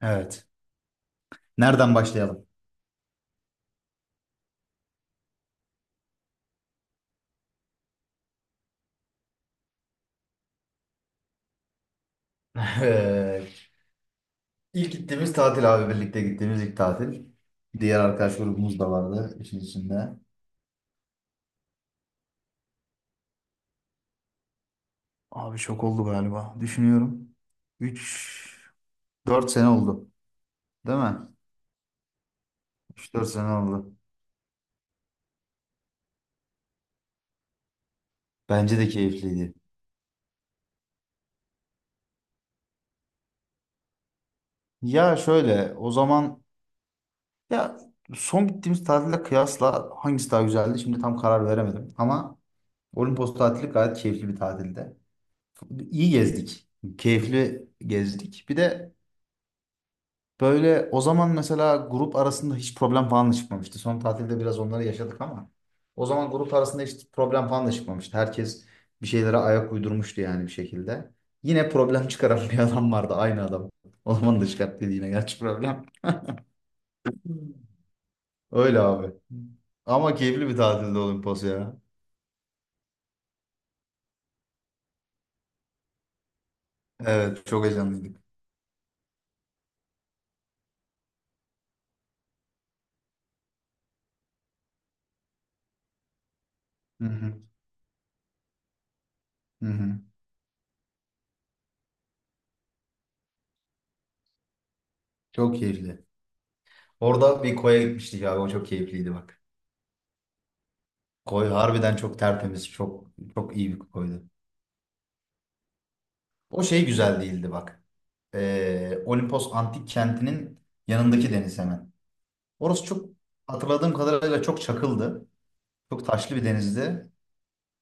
Evet. Nereden başlayalım? Eee, İlk gittiğimiz tatil abi birlikte gittiğimiz ilk tatil. Diğer arkadaş grubumuz da vardı işin içinde. Abi şok oldu galiba. Düşünüyorum. 3 4 sene oldu. Değil mi? Üç dört sene oldu. Bence de keyifliydi. Ya şöyle o zaman ya son gittiğimiz tatille kıyasla hangisi daha güzeldi? Şimdi tam karar veremedim. Ama Olimpos tatili gayet keyifli bir tatildi. İyi gezdik. Keyifli gezdik. Bir de böyle o zaman mesela grup arasında hiç problem falan da çıkmamıştı. Son tatilde biraz onları yaşadık ama o zaman grup arasında hiç problem falan da çıkmamıştı. Herkes bir şeylere ayak uydurmuştu yani bir şekilde. Yine problem çıkaran bir adam vardı aynı adam. O zaman da çıkarttıydı yine gerçi problem. Öyle abi. Ama keyifli bir tatilde Olimpos ya. Evet çok heyecanlıydık. Hı hı, hı hı. Çok keyifli. Orada bir koya gitmiştik abi o çok keyifliydi bak. Koy harbiden çok tertemiz çok çok iyi bir koydu. O şey güzel değildi bak. Olimpos Antik Kenti'nin yanındaki deniz hemen. Orası çok hatırladığım kadarıyla çok çakıldı. Çok taşlı bir denizdi.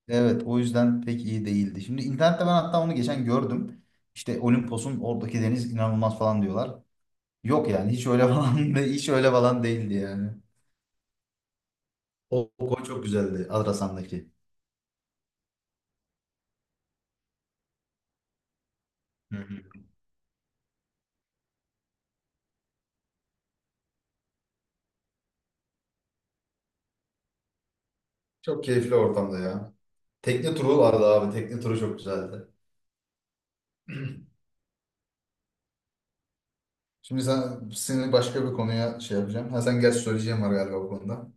Evet o yüzden pek iyi değildi. Şimdi internette ben hatta onu geçen gördüm. İşte Olimpos'un oradaki deniz inanılmaz falan diyorlar. Yok yani hiç öyle falan de, hiç öyle falan değildi yani. O koy çok güzeldi Adrasan'daki. Hı hı. Çok keyifli ortamda ya. Tekne turu vardı abi. Tekne turu çok güzeldi. Şimdi seni başka bir konuya şey yapacağım. Ha, sen gerçi söyleyeceğim var galiba bu konuda.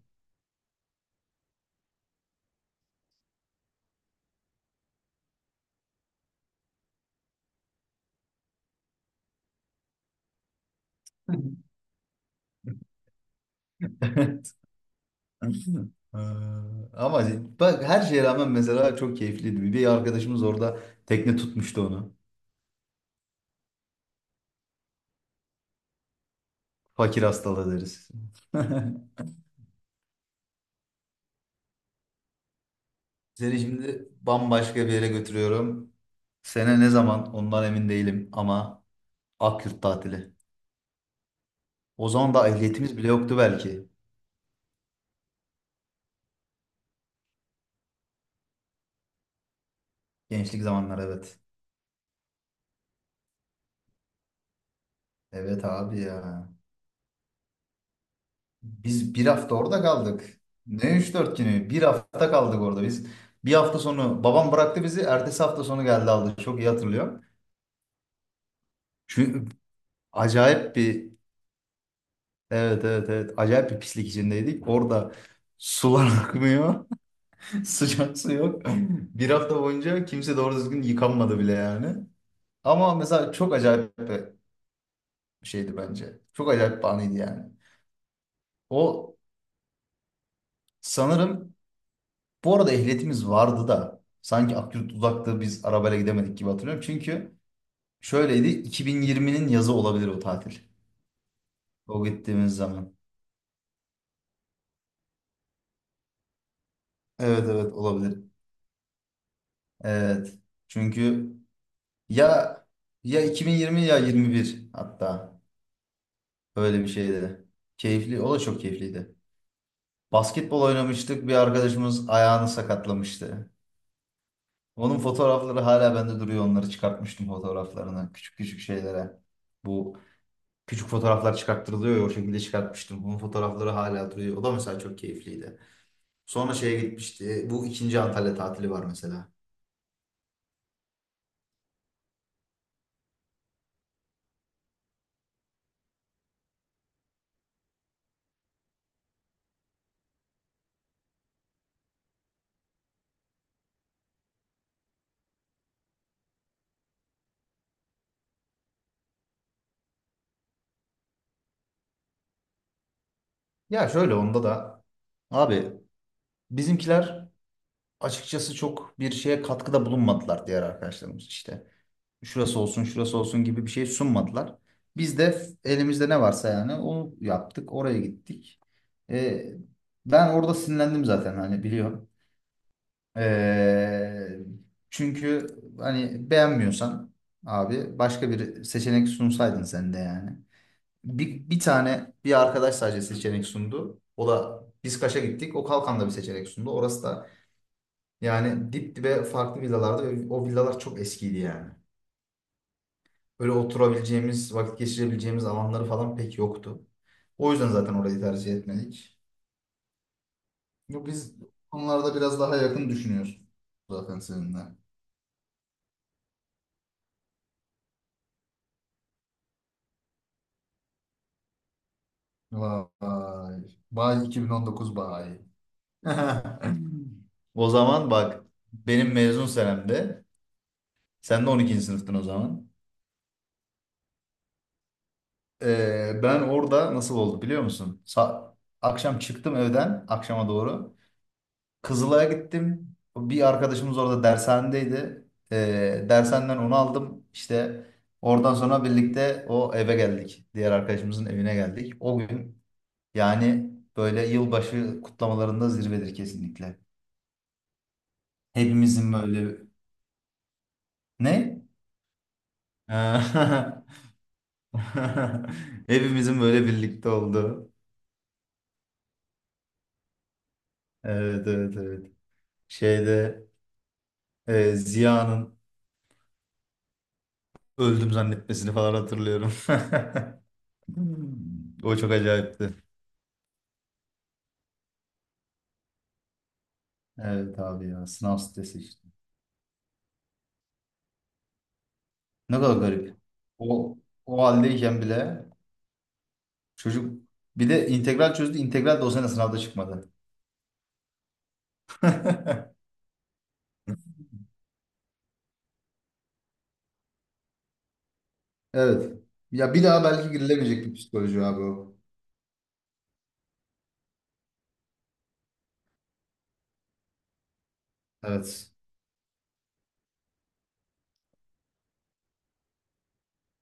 Ee, Ama bak her şeye rağmen mesela çok keyifliydi. Bir arkadaşımız orada tekne tutmuştu onu. Fakir hastalığı deriz. Seni şimdi bambaşka bir yere götürüyorum. Sene ne zaman ondan emin değilim ama Akyurt tatili. O zaman da ehliyetimiz bile yoktu belki. Gençlik zamanlar evet. Evet abi ya. Biz bir hafta orada kaldık. Ne üç dört günü? Bir hafta kaldık orada biz. Bir hafta sonu babam bıraktı bizi. Ertesi hafta sonu geldi aldı. Çok iyi hatırlıyorum. Çünkü acayip bir evet evet evet acayip bir pislik içindeydik. Orada sular akmıyor. Sıcak su yok. Bir hafta boyunca kimse doğru düzgün yıkanmadı bile yani. Ama mesela çok acayip bir şeydi bence. Çok acayip bir anıydı yani. O sanırım. Bu arada ehliyetimiz vardı da sanki Akyurt uzaktı biz arabayla gidemedik gibi hatırlıyorum. Çünkü şöyleydi 2020'nin yazı olabilir o tatil. O gittiğimiz zaman. Evet evet olabilir. Evet. Çünkü ya ya 2020 ya 21 hatta öyle bir şeydi. Keyifli. O da çok keyifliydi. Basketbol oynamıştık. Bir arkadaşımız ayağını sakatlamıştı. Onun fotoğrafları hala bende duruyor. Onları çıkartmıştım fotoğraflarını. Küçük küçük şeylere. Bu Küçük fotoğraflar çıkarttırılıyor ya o şekilde çıkartmıştım. Onun fotoğrafları hala duruyor. O da mesela çok keyifliydi. Sonra şeye gitmişti. Bu ikinci Antalya tatili var mesela. Ya şöyle onda da abi bizimkiler açıkçası çok bir şeye katkıda bulunmadılar diğer arkadaşlarımız işte. Şurası olsun şurası olsun gibi bir şey sunmadılar. Biz de elimizde ne varsa yani onu yaptık oraya gittik. Ee, ben orada sinirlendim zaten hani biliyorum. Ee, çünkü hani beğenmiyorsan abi başka bir seçenek sunsaydın sen de yani. Bir tane bir arkadaş sadece seçenek sundu. O da biz Kaş'a gittik. O Kalkan'da bir seçenek sundu. Orası da yani dip dibe farklı villalardı ve o villalar çok eskiydi yani. Böyle oturabileceğimiz, vakit geçirebileceğimiz alanları falan pek yoktu. O yüzden zaten orayı tercih etmedik. Biz konularda biraz daha yakın düşünüyoruz zaten seninle. Vay. Bay 2019 bay. O zaman bak benim mezun senemde sen de on ikinci sınıftın o zaman. Ben orada nasıl oldu biliyor musun? Akşam çıktım evden akşama doğru. Kızılay'a gittim. Bir arkadaşımız orada dershanedeydi. Dershaneden onu aldım. İşte oradan sonra birlikte o eve geldik. Diğer arkadaşımızın evine geldik. O gün yani böyle yılbaşı kutlamalarında zirvedir kesinlikle. Hepimizin böyle ne? Ha. Hepimizin böyle birlikte olduğu. Evet evet evet. Şeyde Ziya'nın öldüm zannetmesini falan hatırlıyorum. Hmm. O çok acayipti. Evet abi ya sınav stresi işte. Ne kadar garip. O, o haldeyken bile çocuk bir de integral çözdü. İntegral de o sene sınavda çıkmadı. Evet. Ya bir daha belki girilemeyecek bir psikoloji abi o. Evet.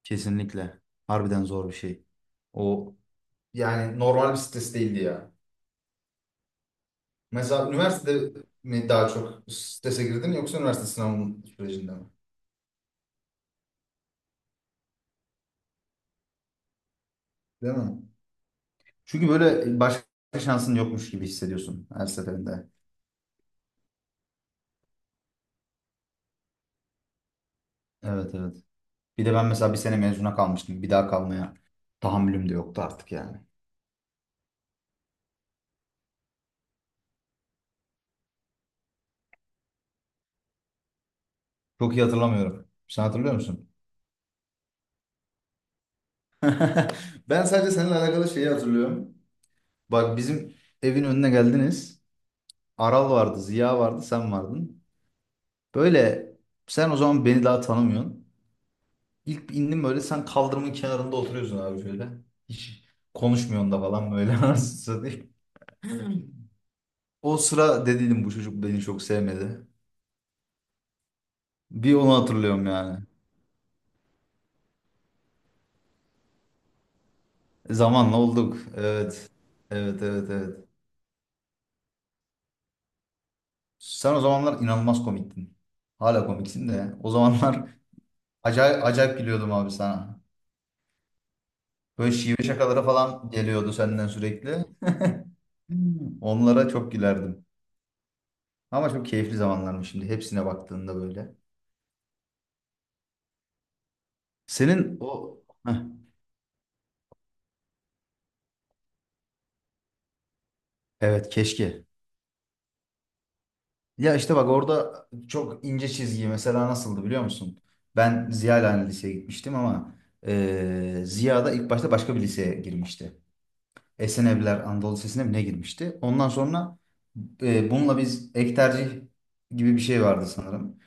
Kesinlikle. Harbiden zor bir şey. O Yani normal bir stres değildi ya. Mesela üniversitede mi daha çok strese girdin yoksa üniversite sınavının sürecinde mi? Değil mi? Çünkü böyle başka şansın yokmuş gibi hissediyorsun her seferinde. Evet evet. Bir de ben mesela bir sene mezuna kalmıştım. Bir daha kalmaya tahammülüm de yoktu artık yani. Çok iyi hatırlamıyorum. Sen hatırlıyor musun? Ben sadece seninle alakalı şeyi hatırlıyorum. Bak bizim evin önüne geldiniz. Aral vardı, Ziya vardı, sen vardın. Böyle sen o zaman beni daha tanımıyorsun. İlk indim böyle sen kaldırımın kenarında oturuyorsun abi şöyle. Hiç konuşmuyorsun da falan böyle anasını satayım. O sıra dediydim bu çocuk beni çok sevmedi. Bir onu hatırlıyorum yani. Zamanla olduk. Evet. Evet evet evet. Sen o zamanlar inanılmaz komiktin. Hala komiksin de. O zamanlar acayip acayip gülüyordum abi sana. Böyle şive şakaları falan geliyordu senden sürekli. Hmm. Onlara çok gülerdim. Ama çok keyifli zamanlarmış şimdi hepsine baktığında böyle. Senin o. Heh, evet keşke. Ya işte bak orada çok ince çizgi mesela nasıldı biliyor musun? Ben Ziya ile aynı liseye gitmiştim ama Ziya da ilk başta başka bir liseye girmişti. Esenevler Anadolu Lisesi'ne mi ne girmişti? Ondan sonra Bununla biz ek tercih gibi bir şey vardı sanırım.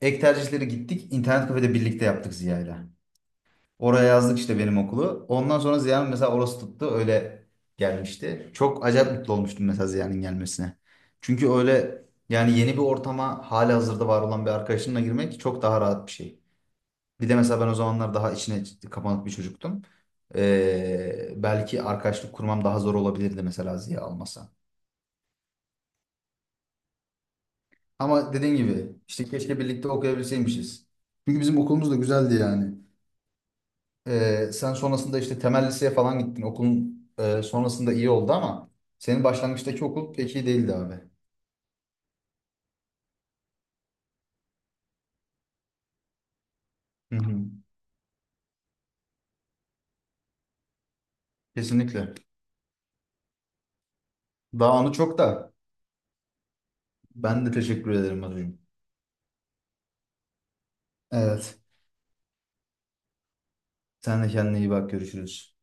Ek tercihleri gittik internet kafede birlikte yaptık Ziya ile. Oraya yazdık işte benim okulu. Ondan sonra Ziya'nın mesela orası tuttu. Öyle gelmişti. Çok acayip mutlu olmuştum mesela Ziya'nın gelmesine. Çünkü öyle yani yeni bir ortama hali hazırda var olan bir arkadaşınla girmek çok daha rahat bir şey. Bir de mesela ben o zamanlar daha içine kapanık bir çocuktum. Belki arkadaşlık kurmam daha zor olabilirdi mesela Ziya almasa. Ama dediğin gibi işte keşke birlikte okuyabilseymişiz. Çünkü bizim okulumuz da güzeldi yani. Sen sonrasında işte temel liseye falan gittin. Okulun sonrasında iyi oldu ama senin başlangıçtaki okul pek iyi değildi abi. Hı hı. Kesinlikle. Daha anı çok da ben de teşekkür ederim Arucuğum. Evet. Sen de kendine iyi bak. Görüşürüz.